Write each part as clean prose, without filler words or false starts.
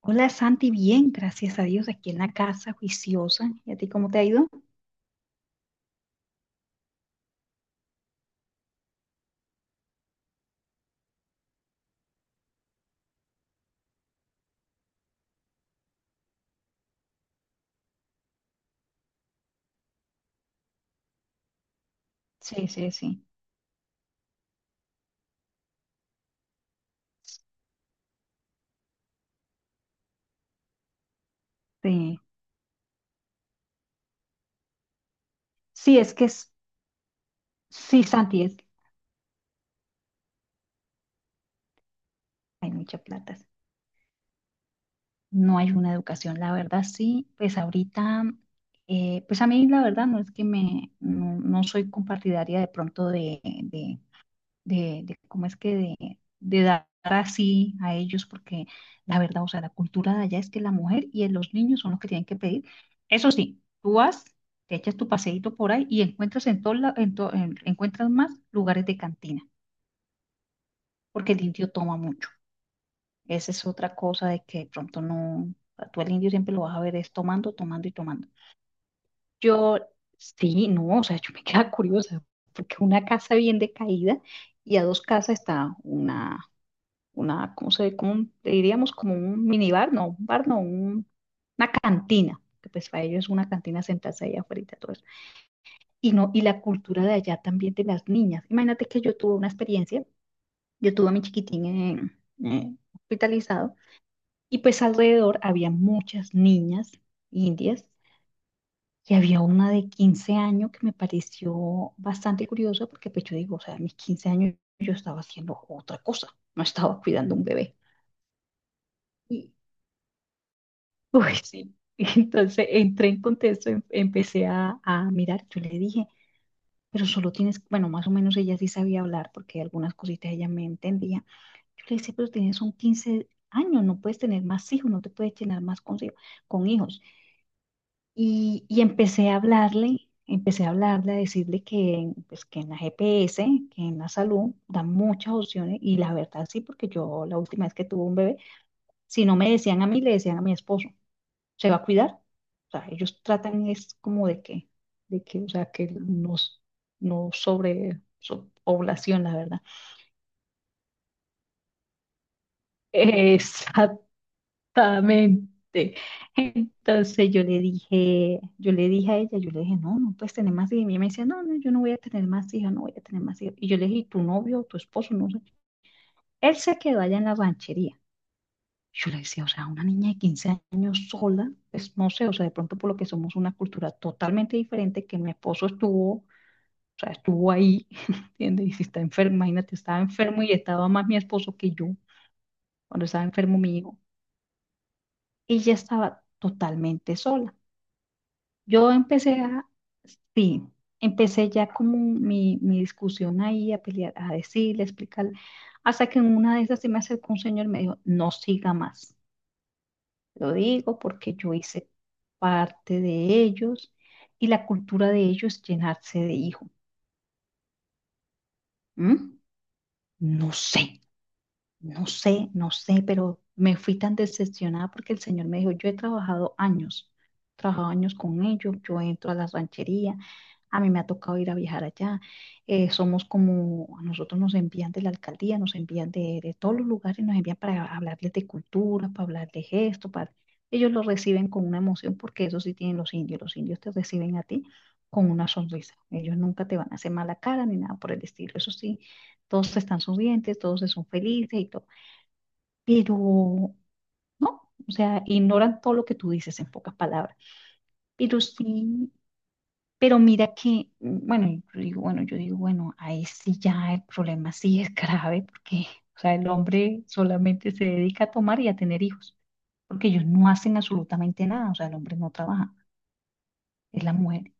Hola Santi, bien, gracias a Dios, aquí en la casa, juiciosa. ¿Y a ti cómo te ha ido? Sí, sí, sí. Sí, sí, es que es, sí, Santi, es, hay mucha plata. No hay una educación, la verdad, sí. Pues ahorita, pues a mí la verdad no es que me, no, no soy compartidaria de pronto de, cómo es que de dar así a ellos, porque la verdad, o sea, la cultura de allá es que la mujer y los niños son los que tienen que pedir. Eso sí, tú vas, te echas tu paseíto por ahí y encuentras en todo la- en to- en- encuentras más lugares de cantina, porque el indio toma mucho. Esa es otra cosa de que de pronto no, a tú el indio siempre lo vas a ver es tomando, tomando y tomando. Yo, sí, no, o sea, yo me queda curiosa, porque una casa bien decaída y a dos casas está una ¿cómo diríamos? Como un minibar, no, un bar, no, una cantina, que pues para ellos es una cantina sentarse ahí afuera, todo eso. Y no, y la cultura de allá también de las niñas. Imagínate que yo tuve una experiencia, yo tuve a mi chiquitín hospitalizado, y pues alrededor había muchas niñas indias, y había una de 15 años que me pareció bastante curiosa, porque pues yo digo, o sea, a mis 15 años yo estaba haciendo otra cosa, no estaba cuidando un bebé. Uy, sí. Y entonces entré en contexto, empecé a mirar, yo le dije, pero solo tienes, bueno, más o menos ella sí sabía hablar porque algunas cositas ella me entendía. Yo le decía, pero tienes un 15 años, no puedes tener más hijos, no te puedes llenar más con hijos. Y empecé a hablarle, a decirle que, pues, que en la GPS, que en la salud, dan muchas opciones y la verdad sí, porque yo la última vez que tuve un bebé, si no me decían a mí, le decían a mi esposo se va a cuidar. O sea, ellos tratan es como de que, o sea, que no, no sobre población, la verdad. Exactamente. Entonces yo le dije a ella, yo le dije, no, no puedes tener más hijos. Y ella me decía, no, no, yo no voy a tener más hijos, no voy a tener más hijos. Y yo le dije, ¿y tu novio, tu esposo? No sé. Él se quedó allá en la ranchería. Yo le decía, o sea, una niña de 15 años sola, pues no sé, o sea, de pronto por lo que somos una cultura totalmente diferente, que mi esposo estuvo. O sea, estuvo ahí, ¿entiendes? Y si está enfermo, imagínate, estaba enfermo y estaba más mi esposo que yo cuando estaba enfermo mi hijo. Ella estaba totalmente sola. Yo empecé a, sí, empecé ya como mi discusión ahí, a pelear, a decirle, a explicarle, hasta que en una de esas se me acercó un señor y me dijo, no siga más. Lo digo porque yo hice parte de ellos y la cultura de ellos es llenarse de hijos. ¿Mm? No sé. No sé, no sé, pero me fui tan decepcionada porque el Señor me dijo, yo he trabajado años con ellos, yo entro a la ranchería, a mí me ha tocado ir a viajar allá, somos como, a nosotros nos envían de la alcaldía, nos envían de todos los lugares, nos envían para hablarles de cultura, para hablarles esto, para... Ellos lo reciben con una emoción porque eso sí tienen los indios te reciben a ti con una sonrisa, ellos nunca te van a hacer mala cara ni nada por el estilo, eso sí todos están sonrientes, todos son felices y todo, pero no, o sea, ignoran todo lo que tú dices en pocas palabras. Pero sí, pero mira que, bueno, yo digo, bueno, yo digo, bueno, ahí sí ya el problema sí es grave, porque, o sea, el hombre solamente se dedica a tomar y a tener hijos, porque ellos no hacen absolutamente nada, o sea, el hombre no trabaja, es la mujer.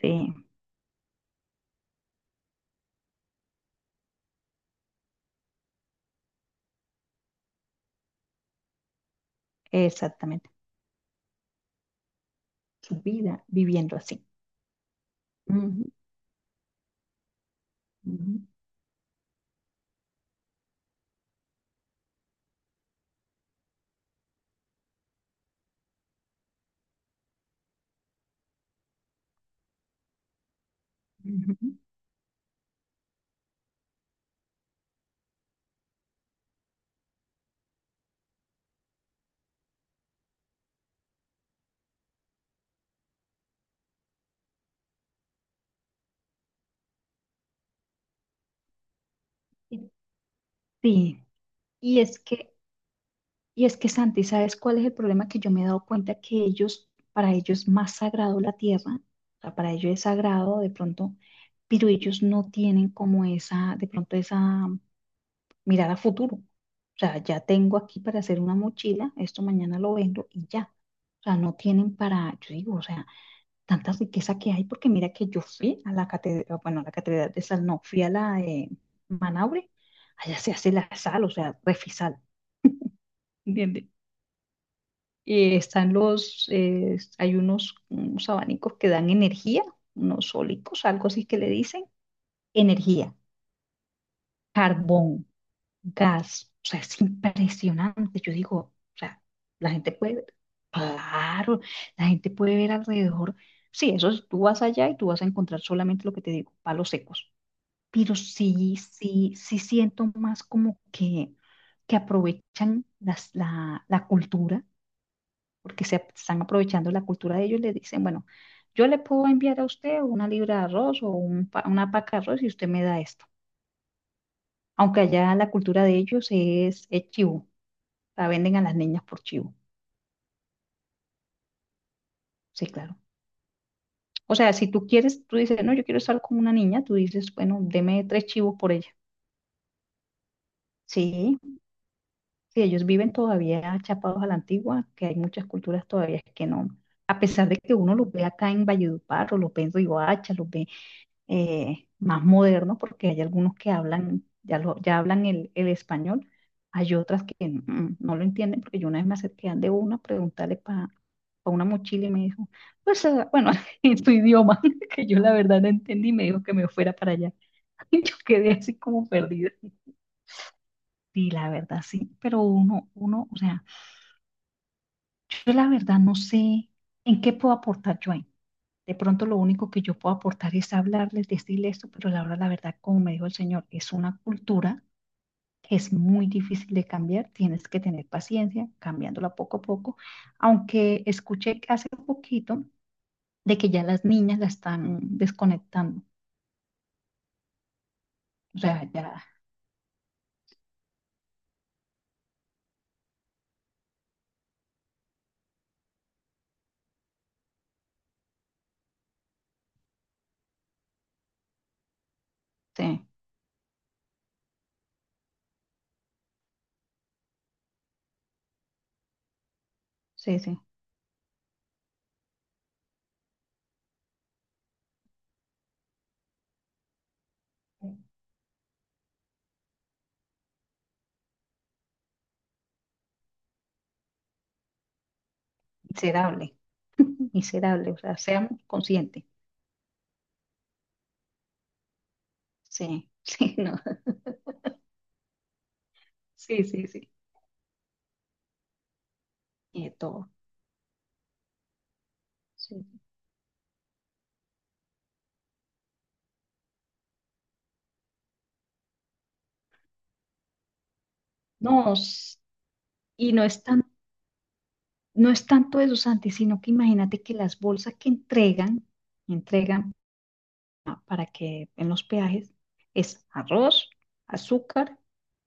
Sí, exactamente, su vida viviendo así. Ujú, ujú, ujú. Sí, y es que Y es que Santi, ¿sabes cuál es el problema? Que yo me he dado cuenta que ellos, para ellos es más sagrado la tierra, o sea, para ellos es sagrado de pronto, pero ellos no tienen como esa, de pronto esa mirada a futuro. O sea, ya tengo aquí para hacer una mochila, esto mañana lo vendo y ya. O sea, no tienen para, yo digo, o sea, tanta riqueza que hay, porque mira que yo fui a la catedral, bueno, a la catedral de Sal, no, fui a la de Manaure, allá se hace la sal, o sea, refisal, ¿entiendes? Están hay unos abanicos que dan energía, unos sólicos, algo así que le dicen, energía, carbón, gas. O sea, es impresionante. Yo digo, o sea, la gente puede ver, claro, la gente puede ver alrededor. Sí, eso es, tú vas allá y tú vas a encontrar solamente lo que te digo, palos secos. Pero sí, sí, sí siento más como que aprovechan la cultura porque se están aprovechando la cultura de ellos, le dicen, bueno, yo le puedo enviar a usted una libra de arroz o una paca de arroz y usted me da esto. Aunque allá la cultura de ellos es chivo, la venden a las niñas por chivo. Sí, claro. O sea, si tú quieres, tú dices, no, yo quiero estar con una niña, tú dices, bueno, deme tres chivos por ella. Sí, sí, ellos viven todavía chapados a la antigua, que hay muchas culturas todavía que no. A pesar de que uno los ve acá en Valledupar, o los ve en Riohacha, los ve más modernos, porque hay algunos que hablan, ya, ya hablan el español, hay otras que no lo entienden, porque yo una vez me acerqué de una a preguntarle para una mochila y me dijo, pues bueno, en tu idioma, que yo la verdad no entendí, y me dijo que me fuera para allá. Y yo quedé así como perdida. Sí, la verdad, sí, pero uno, o sea, yo la verdad no sé en qué puedo aportar yo ahí. De pronto lo único que yo puedo aportar es hablarles, decirles esto, pero la verdad, como me dijo el Señor, es una cultura que es muy difícil de cambiar, tienes que tener paciencia, cambiándola poco a poco, aunque escuché hace poquito de que ya las niñas la están desconectando, o sea, ya, sí, sí, sí, miserable, miserable, o sea, seamos conscientes, sí, sí, no, sí, sí, sí, y de todo, sí. No, y no es tan No es tanto eso, Santi, sino que imagínate que las bolsas que entregan, entregan para que en los peajes, es arroz, azúcar,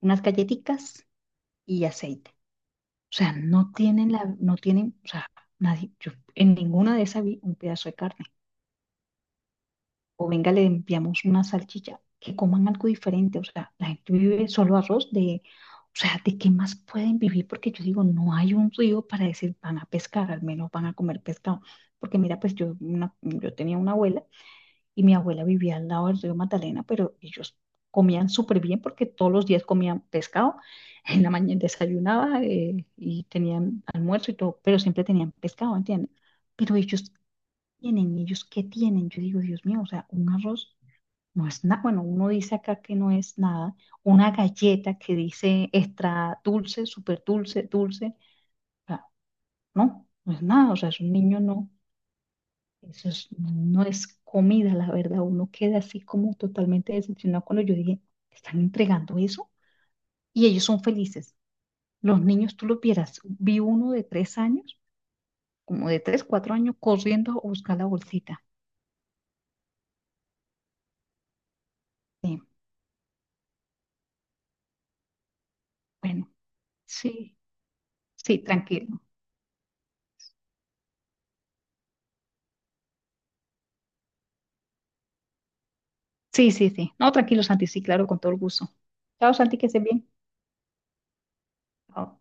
unas galletitas y aceite. O sea, no tienen, o sea, nadie, yo en ninguna de esas vi un pedazo de carne. O venga, le enviamos una salchicha, que coman algo diferente, o sea, la gente vive solo arroz de, o sea, ¿de qué más pueden vivir? Porque yo digo, no hay un río para decir van a pescar, al menos van a comer pescado, porque mira, pues yo, yo tenía una abuela y mi abuela vivía al lado del río Magdalena, pero ellos comían súper bien porque todos los días comían pescado, en la mañana desayunaba y tenían almuerzo y todo, pero siempre tenían pescado, ¿entiendes? Pero ellos tienen, ellos qué tienen, yo digo, Dios mío, o sea, un arroz. No es nada, bueno, uno dice acá que no es nada. Una galleta que dice extra dulce, súper dulce, dulce. O sea, no, no es nada. O sea, es un niño, no. No es comida, la verdad. Uno queda así como totalmente decepcionado cuando yo dije, ¿están entregando eso? Y ellos son felices. Los niños, tú los vieras. Vi uno de 3 años, como de tres, cuatro años, corriendo a buscar la bolsita. Sí, bueno, sí, sí, tranquilo. Sí, sí, sí. No, tranquilo, Santi, sí, claro, con todo el gusto. Chao, Santi, que estés bien. Ah,